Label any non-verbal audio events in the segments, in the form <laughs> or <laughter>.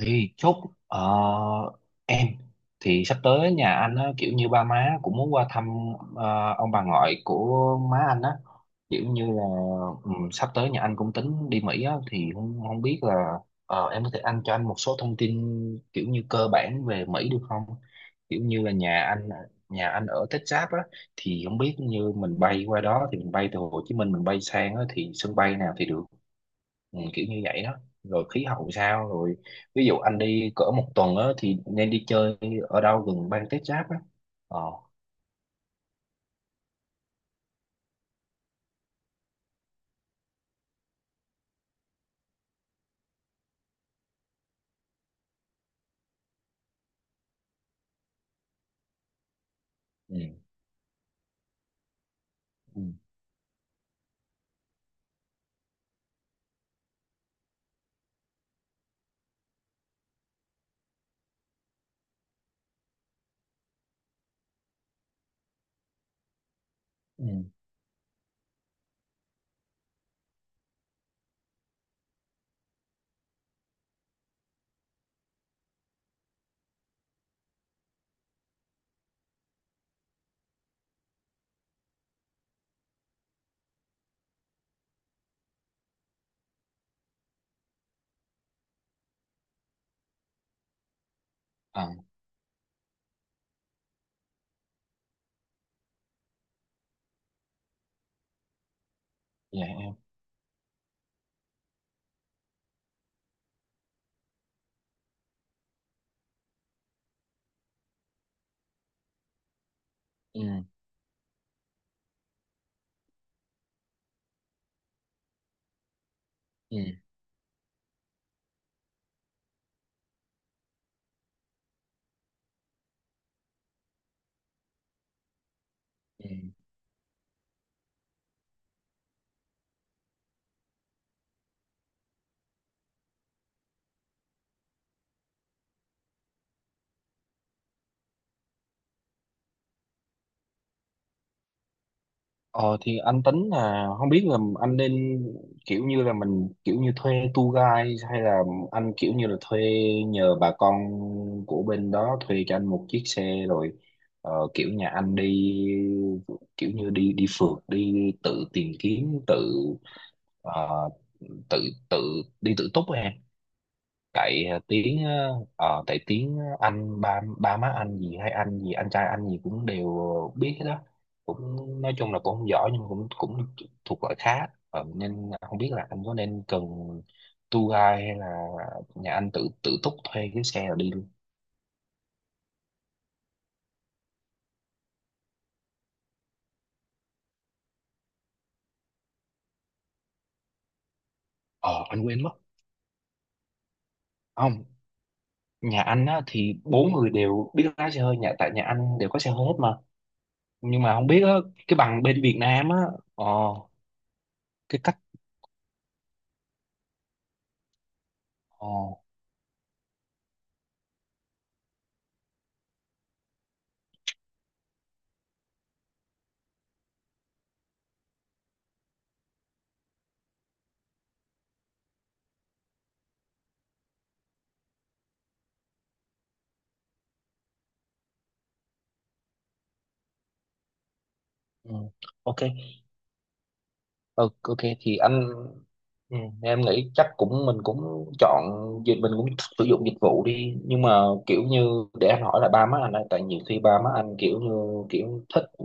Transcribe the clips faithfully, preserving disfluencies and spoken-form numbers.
Thì chốt, ờ, em thì sắp tới nhà anh á, kiểu như ba má cũng muốn qua thăm ờ, ông bà ngoại của má anh á, kiểu như là ừ, sắp tới nhà anh cũng tính đi Mỹ á, thì không không biết là ờ, em có thể anh cho anh một số thông tin kiểu như cơ bản về Mỹ được không, kiểu như là nhà anh nhà anh ở Texas á, thì không biết như mình bay qua đó thì mình bay từ Hồ Chí Minh mình bay sang á thì sân bay nào thì được. Ừ, kiểu như vậy đó, rồi khí hậu sao rồi, ví dụ anh đi cỡ một tuần á thì nên đi chơi ở đâu gần bang tiếp giáp á. ờ ừ, ừ, ừ, à, dạ em, ừ, ừ, ừ. ờ thì anh tính là không biết là anh nên kiểu như là mình kiểu như thuê tour guide hay là anh kiểu như là thuê, nhờ bà con của bên đó thuê cho anh một chiếc xe rồi, ờ, kiểu nhà anh đi kiểu như đi đi phượt, đi tự tìm kiếm tự, Ờ, tự tự đi tự túc á em. Tại ờ, tiếng ờ, ờ, tại tiếng anh ba ba má anh gì hay anh gì anh trai anh gì cũng đều biết hết đó, cũng nói chung là cũng không giỏi nhưng mà cũng cũng thuộc loại khá. Ờ, nên không biết là anh có nên cần tour guide hay là nhà anh tự tự túc thuê cái xe rồi đi luôn. Ờ, anh quên mất. Không, nhà anh á thì bốn người đều biết lái xe hơi, nhà tại nhà anh đều có xe hơi hết mà, nhưng mà không biết á, cái bằng bên Việt Nam á, ờ, cái cách, ờ, ừ. Ok. Ờ, ok thì anh, ừ, em nghĩ chắc cũng mình cũng chọn dịch mình cũng sử dụng dịch vụ đi, nhưng mà kiểu như để anh hỏi là ba má anh ấy, tại nhiều khi ba má anh kiểu như kiểu thích, ừ,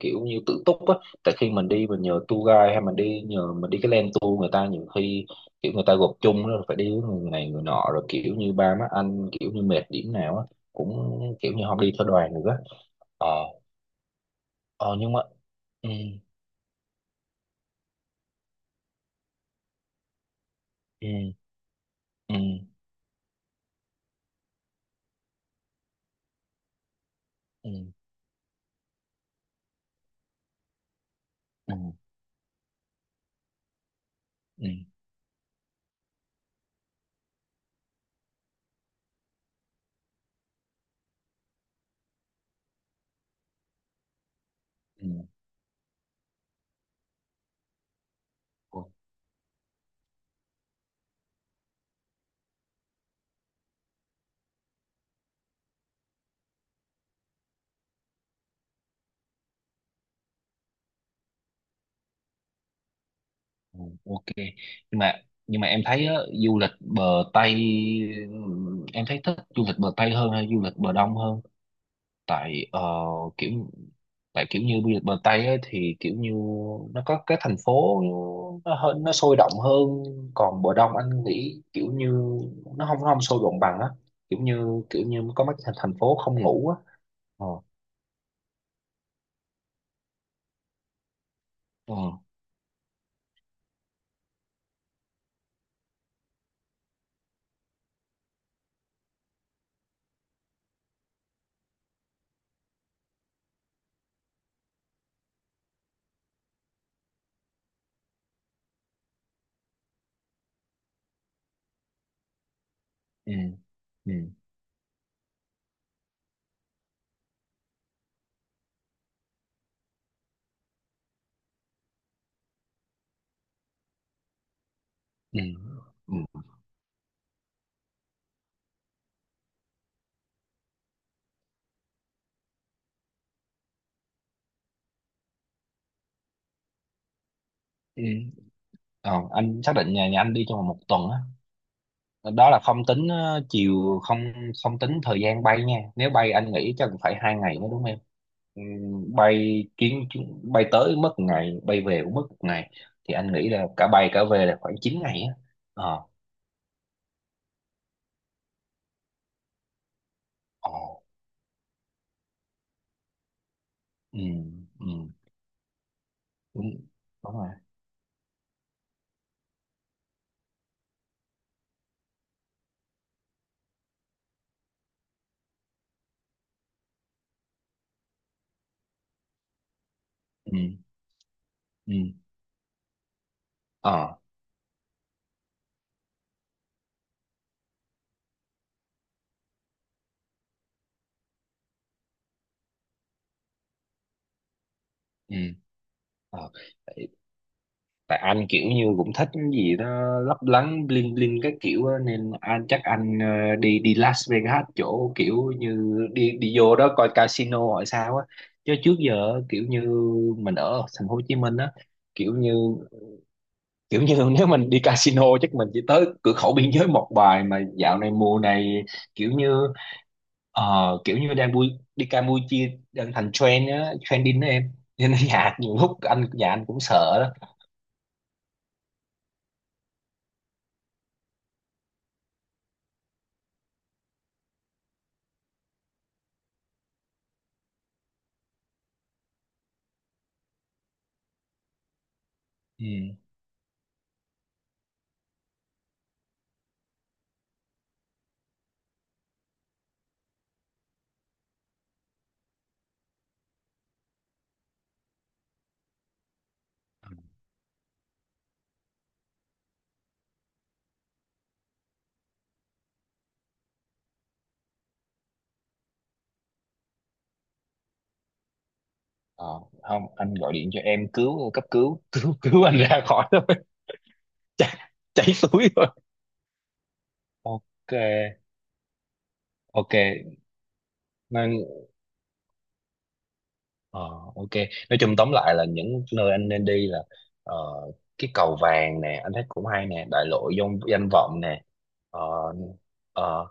kiểu như tự túc á, tại khi mình đi mình nhờ tour guide hay mình đi nhờ mình đi cái land tour người ta nhiều khi kiểu người ta gộp chung rồi phải đi với người này người nọ, rồi kiểu như ba má anh kiểu như mệt điểm nào á cũng kiểu như không đi theo đoàn nữa. ờ ờ nhưng mà, ừ, ừ, ừ, ừ, ừ, ừ, ừ, o-, ừ, ok. Nhưng mà nhưng mà em thấy á, du lịch bờ Tây, ừ, em thấy thích du lịch bờ Tây hơn hay du lịch bờ Đông hơn? Tại ờ, kiểu tại kiểu như du lịch bờ Tây á, thì kiểu như nó có cái thành phố, nó hơn, nó sôi động hơn. Còn bờ Đông anh nghĩ kiểu như nó không nó không sôi động bằng á, kiểu như kiểu như có mấy thành thành phố không ngủ á. ờ ừ, ừ, ừ, ừ, ừ. Ờ, anh xác định nhà nhà anh đi trong vòng một tuần á, đó là không tính ờ, chiều không, không tính thời gian bay nha, nếu bay anh nghĩ chắc cũng phải hai ngày mới đúng em. Ừm, bay chuyến chuyến- bay tới mất một ngày, bay về cũng mất một ngày, thì anh nghĩ là cả bay cả về là khoảng chín ngày á. ờ ờ ừ, ừ, đúng, đúng rồi, ừ, ừ, ờ, ừ, ờ. Tại anh kiểu như cũng thích cái gì đó lấp lánh, bling bling các kiểu á, nên anh chắc anh, ờ, đi đi Las Vegas, chỗ kiểu như đi đi vô đó coi casino hỏi sao á. Chứ trước giờ á, kiểu như mình ở thành phố Hồ Chí Minh á, kiểu như kiểu như <laughs> nếu mình đi casino chắc mình chỉ tới cửa khẩu biên giới một bài, mà dạo này mùa này kiểu như, ờ, kiểu như đang vui, đi Campuchia đang thành trend á, trending đó em, nên <laughs> nhà nhiều lúc anh nhà anh cũng sợ đó. Ừ. Ờ, không anh gọi điện cho em cứu, cấp cứu <laughs> cứu cứu anh ra khỏi thôi <laughs> chảy, chảy suối rồi, ok, ok nên, ờ, ok. Nói chung tóm lại là những nơi anh nên đi là, ờ, cái cầu vàng nè anh thấy cũng hay nè, đại lộ danh danh vọng nè, ờ, ờ,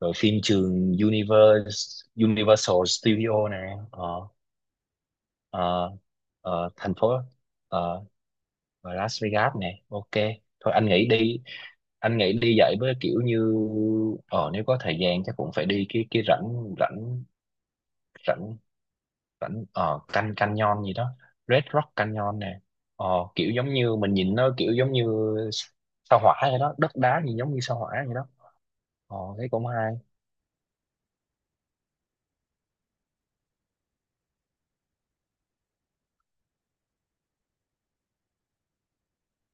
rồi phim trường Universe Universal Studio nè, ờ, ờ, ờ, thành phố, ờ, và Las Vegas nè, ok. Thôi anh nghĩ đi, anh nghĩ đi dạy với kiểu như, ờ nếu có thời gian chắc cũng phải đi cái cái rãnh, rãnh rãnh rãnh ờ Can Canyon gì đó, Red Rock Canyon nè. Ờ, kiểu giống như mình nhìn nó kiểu giống như sao hỏa vậy đó, đất đá nhìn giống như sao hỏa vậy đó, ờ thấy cũng hay.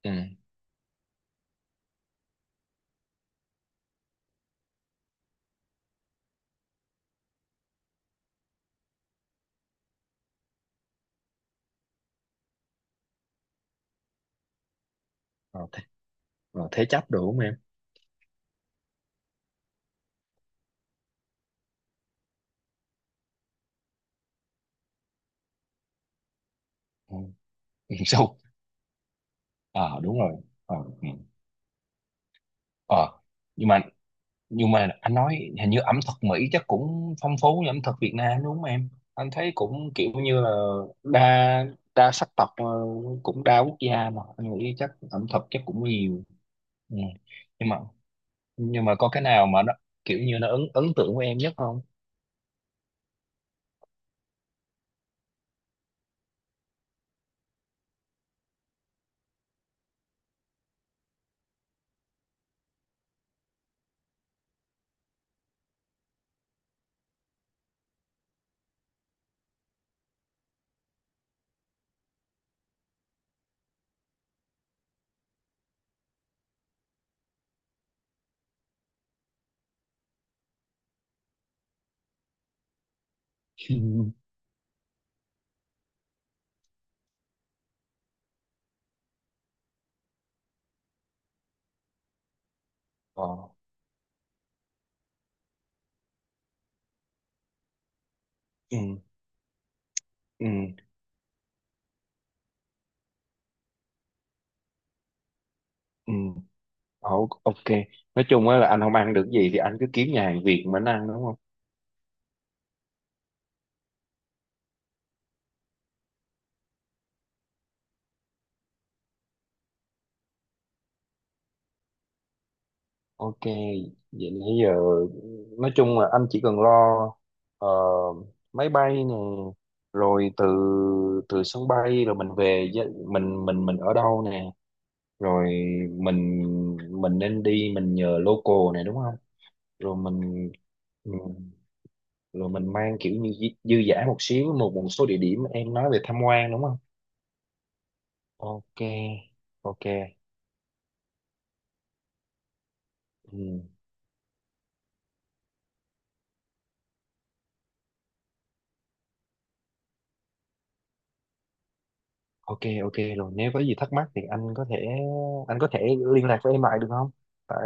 Ừ. Ờ, thế, ờ, thế chấp được không em? Ừ. <laughs> Sâu, ờ đúng rồi, ờ, ừ. Ờ. Nhưng mà nhưng mà anh nói hình như ẩm thực Mỹ chắc cũng phong phú như ẩm thực Việt Nam đúng không em? Anh thấy cũng kiểu như là đa đa sắc tộc, ờ, cũng đa quốc gia, mà anh nghĩ chắc ẩm thực chắc cũng nhiều. Ừ. Nhưng mà nhưng mà có cái nào mà nó kiểu như nó ấn ấn tượng với em nhất không? <laughs> ờ, ừ, ừ, ừ. Ồ, ok, nói chung á là anh không ăn được gì thì anh cứ kiếm nhà hàng Việt mà anh ăn đúng. Ok, vậy nãy giờ nói chung là anh chỉ cần lo, ờ, máy bay nè, rồi từ từ sân bay rồi mình về gia-, mình mình mình ở đâu nè, rồi mình mình nên đi mình nhờ local này đúng không? Rồi mình, ừ, rồi mình mang kiểu như dư dư dả một xíu, một một số địa điểm em nói về tham quan đúng không? Ok, ok. Ừ. Ok, ok rồi, nếu có gì thắc mắc thì anh có thể anh có thể liên lạc với em lại được không? Tại,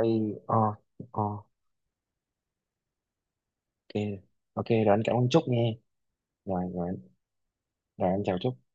ờ, ờ, ok, ok rồi anh cảm ơn Trúc nghe. Rồi, rồi, rồi anh chào Trúc.